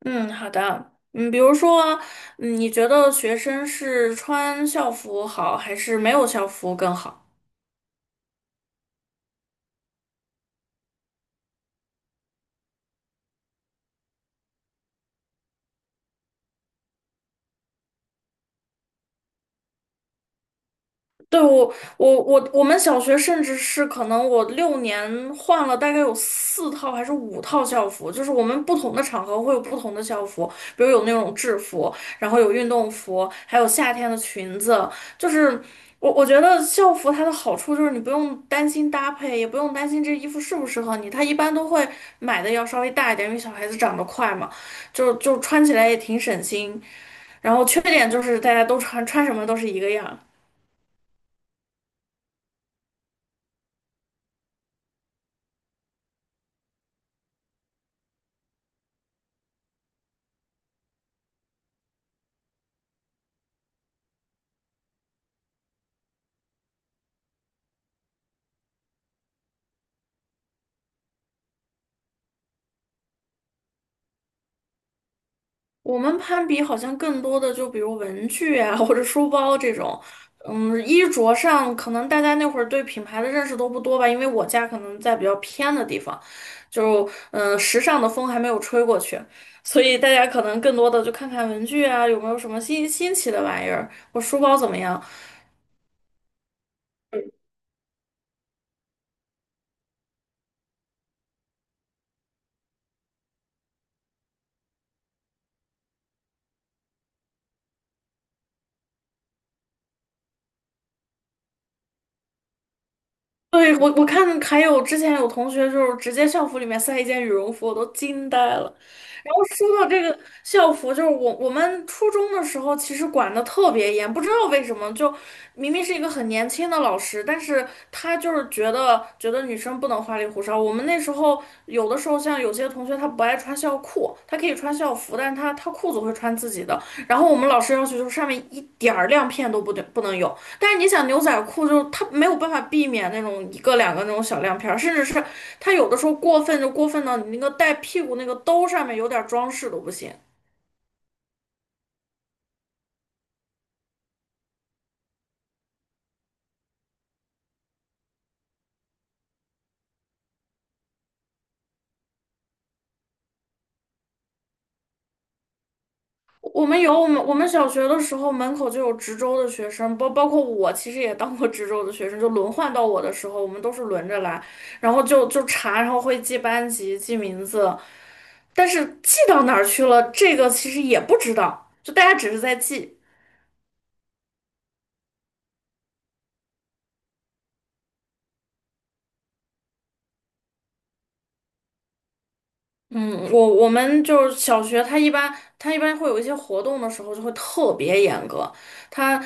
嗯，好的。嗯，比如说，你觉得学生是穿校服好，还是没有校服更好？对，我们小学甚至是可能我6年换了大概有4套还是5套校服，就是我们不同的场合会有不同的校服，比如有那种制服，然后有运动服，还有夏天的裙子。就是我觉得校服它的好处就是你不用担心搭配，也不用担心这衣服适不适合你，它一般都会买的要稍微大一点，因为小孩子长得快嘛，就穿起来也挺省心。然后缺点就是大家都穿什么都是一个样。我们攀比好像更多的就比如文具啊，或者书包这种，衣着上可能大家那会儿对品牌的认识都不多吧，因为我家可能在比较偏的地方，就时尚的风还没有吹过去，所以大家可能更多的就看看文具啊，有没有什么新奇的玩意儿，我书包怎么样。对，我看还有之前有同学就是直接校服里面塞一件羽绒服，我都惊呆了。然后说到这个校服，就是我们初中的时候其实管得特别严，不知道为什么就明明是一个很年轻的老师，但是他就是觉得女生不能花里胡哨。我们那时候有的时候像有些同学他不爱穿校裤，他可以穿。穿校服，但是他裤子会穿自己的。然后我们老师要求就是上面一点儿亮片都不对不能有。但是你想牛仔裤就是它没有办法避免那种一个两个那种小亮片甚至是它有的时候过分就过分到你那个带屁股那个兜上面有点装饰都不行。我们有我们我们小学的时候门口就有值周的学生，包括我其实也当过值周的学生，就轮换到我的时候，我们都是轮着来，然后就查，然后会记班级、记名字，但是记到哪儿去了，这个其实也不知道，就大家只是在记。嗯，我们就是小学，他一般会有一些活动的时候就会特别严格，他，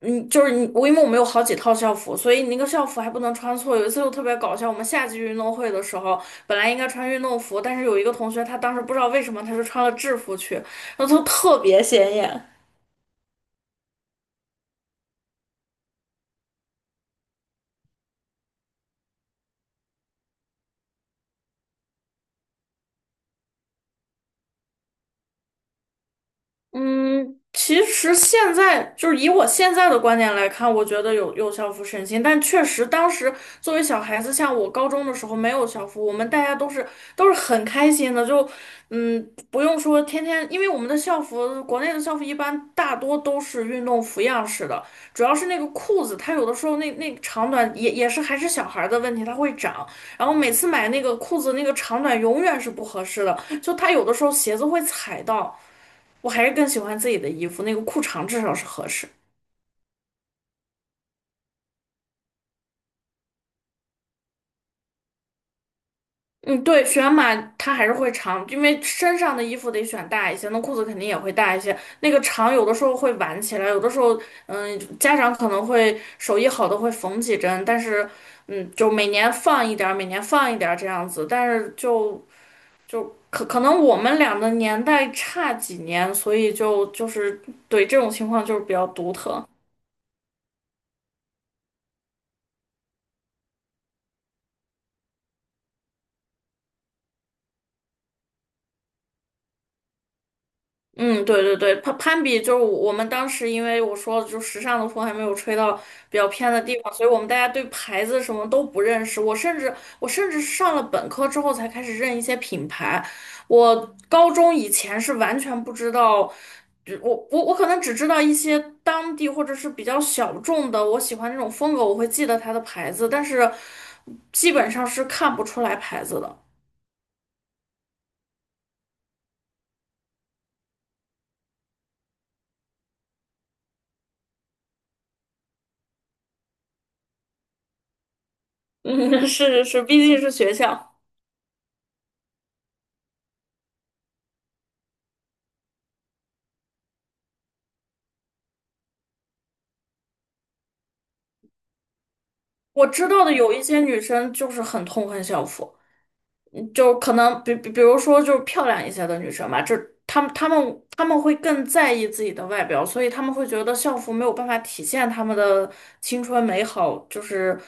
嗯，就是你我因为我们有好几套校服，所以你那个校服还不能穿错。有一次就特别搞笑，我们夏季运动会的时候，本来应该穿运动服，但是有一个同学他当时不知道为什么他就穿了制服去，然后就特别显眼。嗯，其实现在就是以我现在的观点来看，我觉得有校服省心，但确实当时作为小孩子，像我高中的时候没有校服，我们大家都是很开心的，就不用说天天，因为我们的校服，国内的校服一般大多都是运动服样式的，主要是那个裤子，它有的时候那长短也是还是小孩儿的问题，它会长，然后每次买那个裤子那个长短永远是不合适的，就它有的时候鞋子会踩到。我还是更喜欢自己的衣服，那个裤长至少是合适。嗯，对，选码它还是会长，因为身上的衣服得选大一些，那裤子肯定也会大一些。那个长有的时候会挽起来，有的时候，家长可能会手艺好的会缝几针，但是，就每年放一点儿，每年放一点儿这样子。但是就可能我们俩的年代差几年，所以就是对这种情况就是比较独特。嗯，对对对，攀比就是我们当时，因为我说了，就时尚的风还没有吹到比较偏的地方，所以我们大家对牌子什么都不认识。我甚至是上了本科之后才开始认一些品牌，我高中以前是完全不知道，就我可能只知道一些当地或者是比较小众的，我喜欢那种风格，我会记得它的牌子，但是基本上是看不出来牌子的。嗯，是是是，毕竟是学校。我知道的有一些女生就是很痛恨校服，就可能比如说就是漂亮一些的女生吧，就她们会更在意自己的外表，所以她们会觉得校服没有办法体现她们的青春美好，就是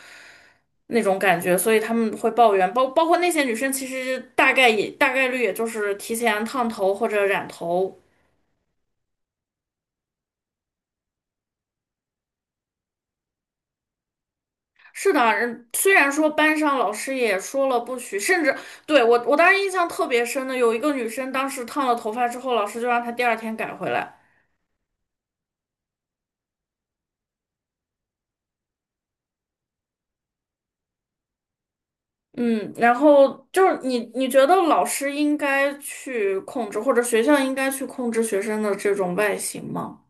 那种感觉，所以她们会抱怨，包括那些女生其实大概也大概率也就是提前烫头或者染头。是的，虽然说班上老师也说了不许，甚至对我，我当时印象特别深的有一个女生，当时烫了头发之后，老师就让她第二天改回来。嗯，然后就是你觉得老师应该去控制，或者学校应该去控制学生的这种外形吗？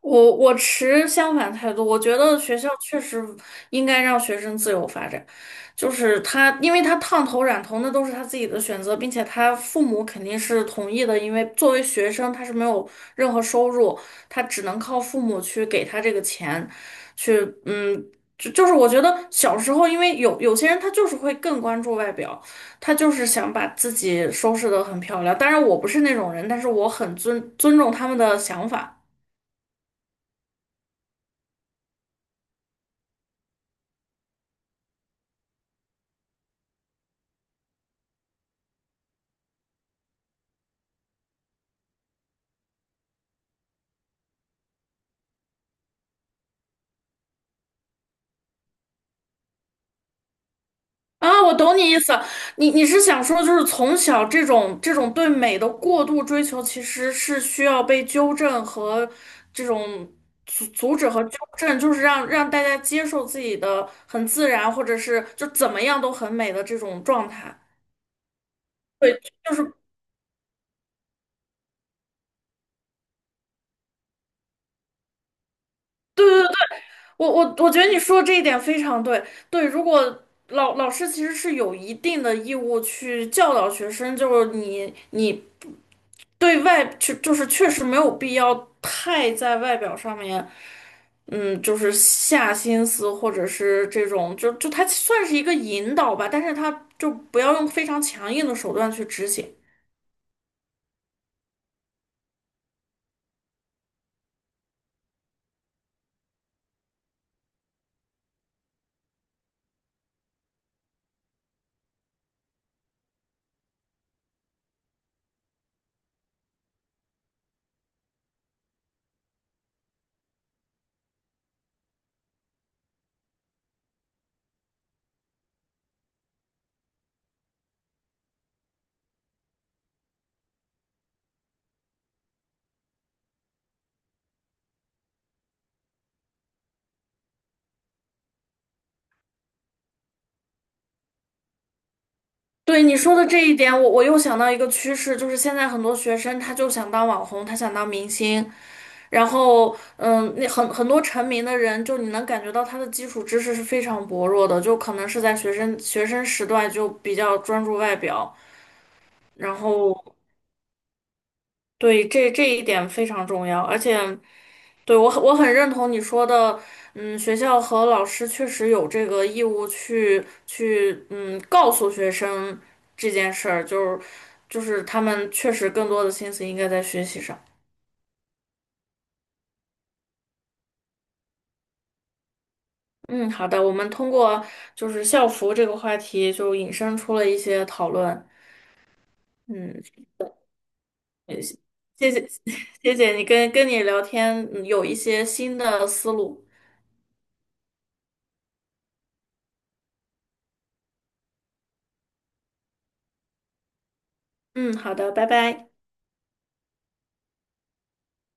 我持相反态度，我觉得学校确实应该让学生自由发展，就是他，因为他烫头染头那都是他自己的选择，并且他父母肯定是同意的，因为作为学生他是没有任何收入，他只能靠父母去给他这个钱，去嗯，就是我觉得小时候，因为有些人他就是会更关注外表，他就是想把自己收拾得很漂亮，当然我不是那种人，但是我很尊重他们的想法。啊，我懂你意思，你是想说，就是从小这种对美的过度追求，其实是需要被纠正和这种阻止和纠正，就是让大家接受自己的很自然，或者是就怎么样都很美的这种状态。对，就是对对对，我觉得你说这一点非常对。对，如果老师其实是有一定的义务去教导学生，就是你。对外就是确实没有必要太在外表上面，就是下心思或者是这种，就他算是一个引导吧，但是他就不要用非常强硬的手段去执行。对你说的这一点，我又想到一个趋势，就是现在很多学生他就想当网红，他想当明星，然后那很多成名的人，就你能感觉到他的基础知识是非常薄弱的，就可能是在学生时段就比较专注外表，然后。对，这一点非常重要，而且对我很认同你说的。学校和老师确实有这个义务去告诉学生这件事儿，就是他们确实更多的心思应该在学习上。嗯，好的，我们通过就是校服这个话题就引申出了一些讨论。嗯，谢谢 谢谢你跟你聊天，有一些新的思路。嗯，好的，拜拜。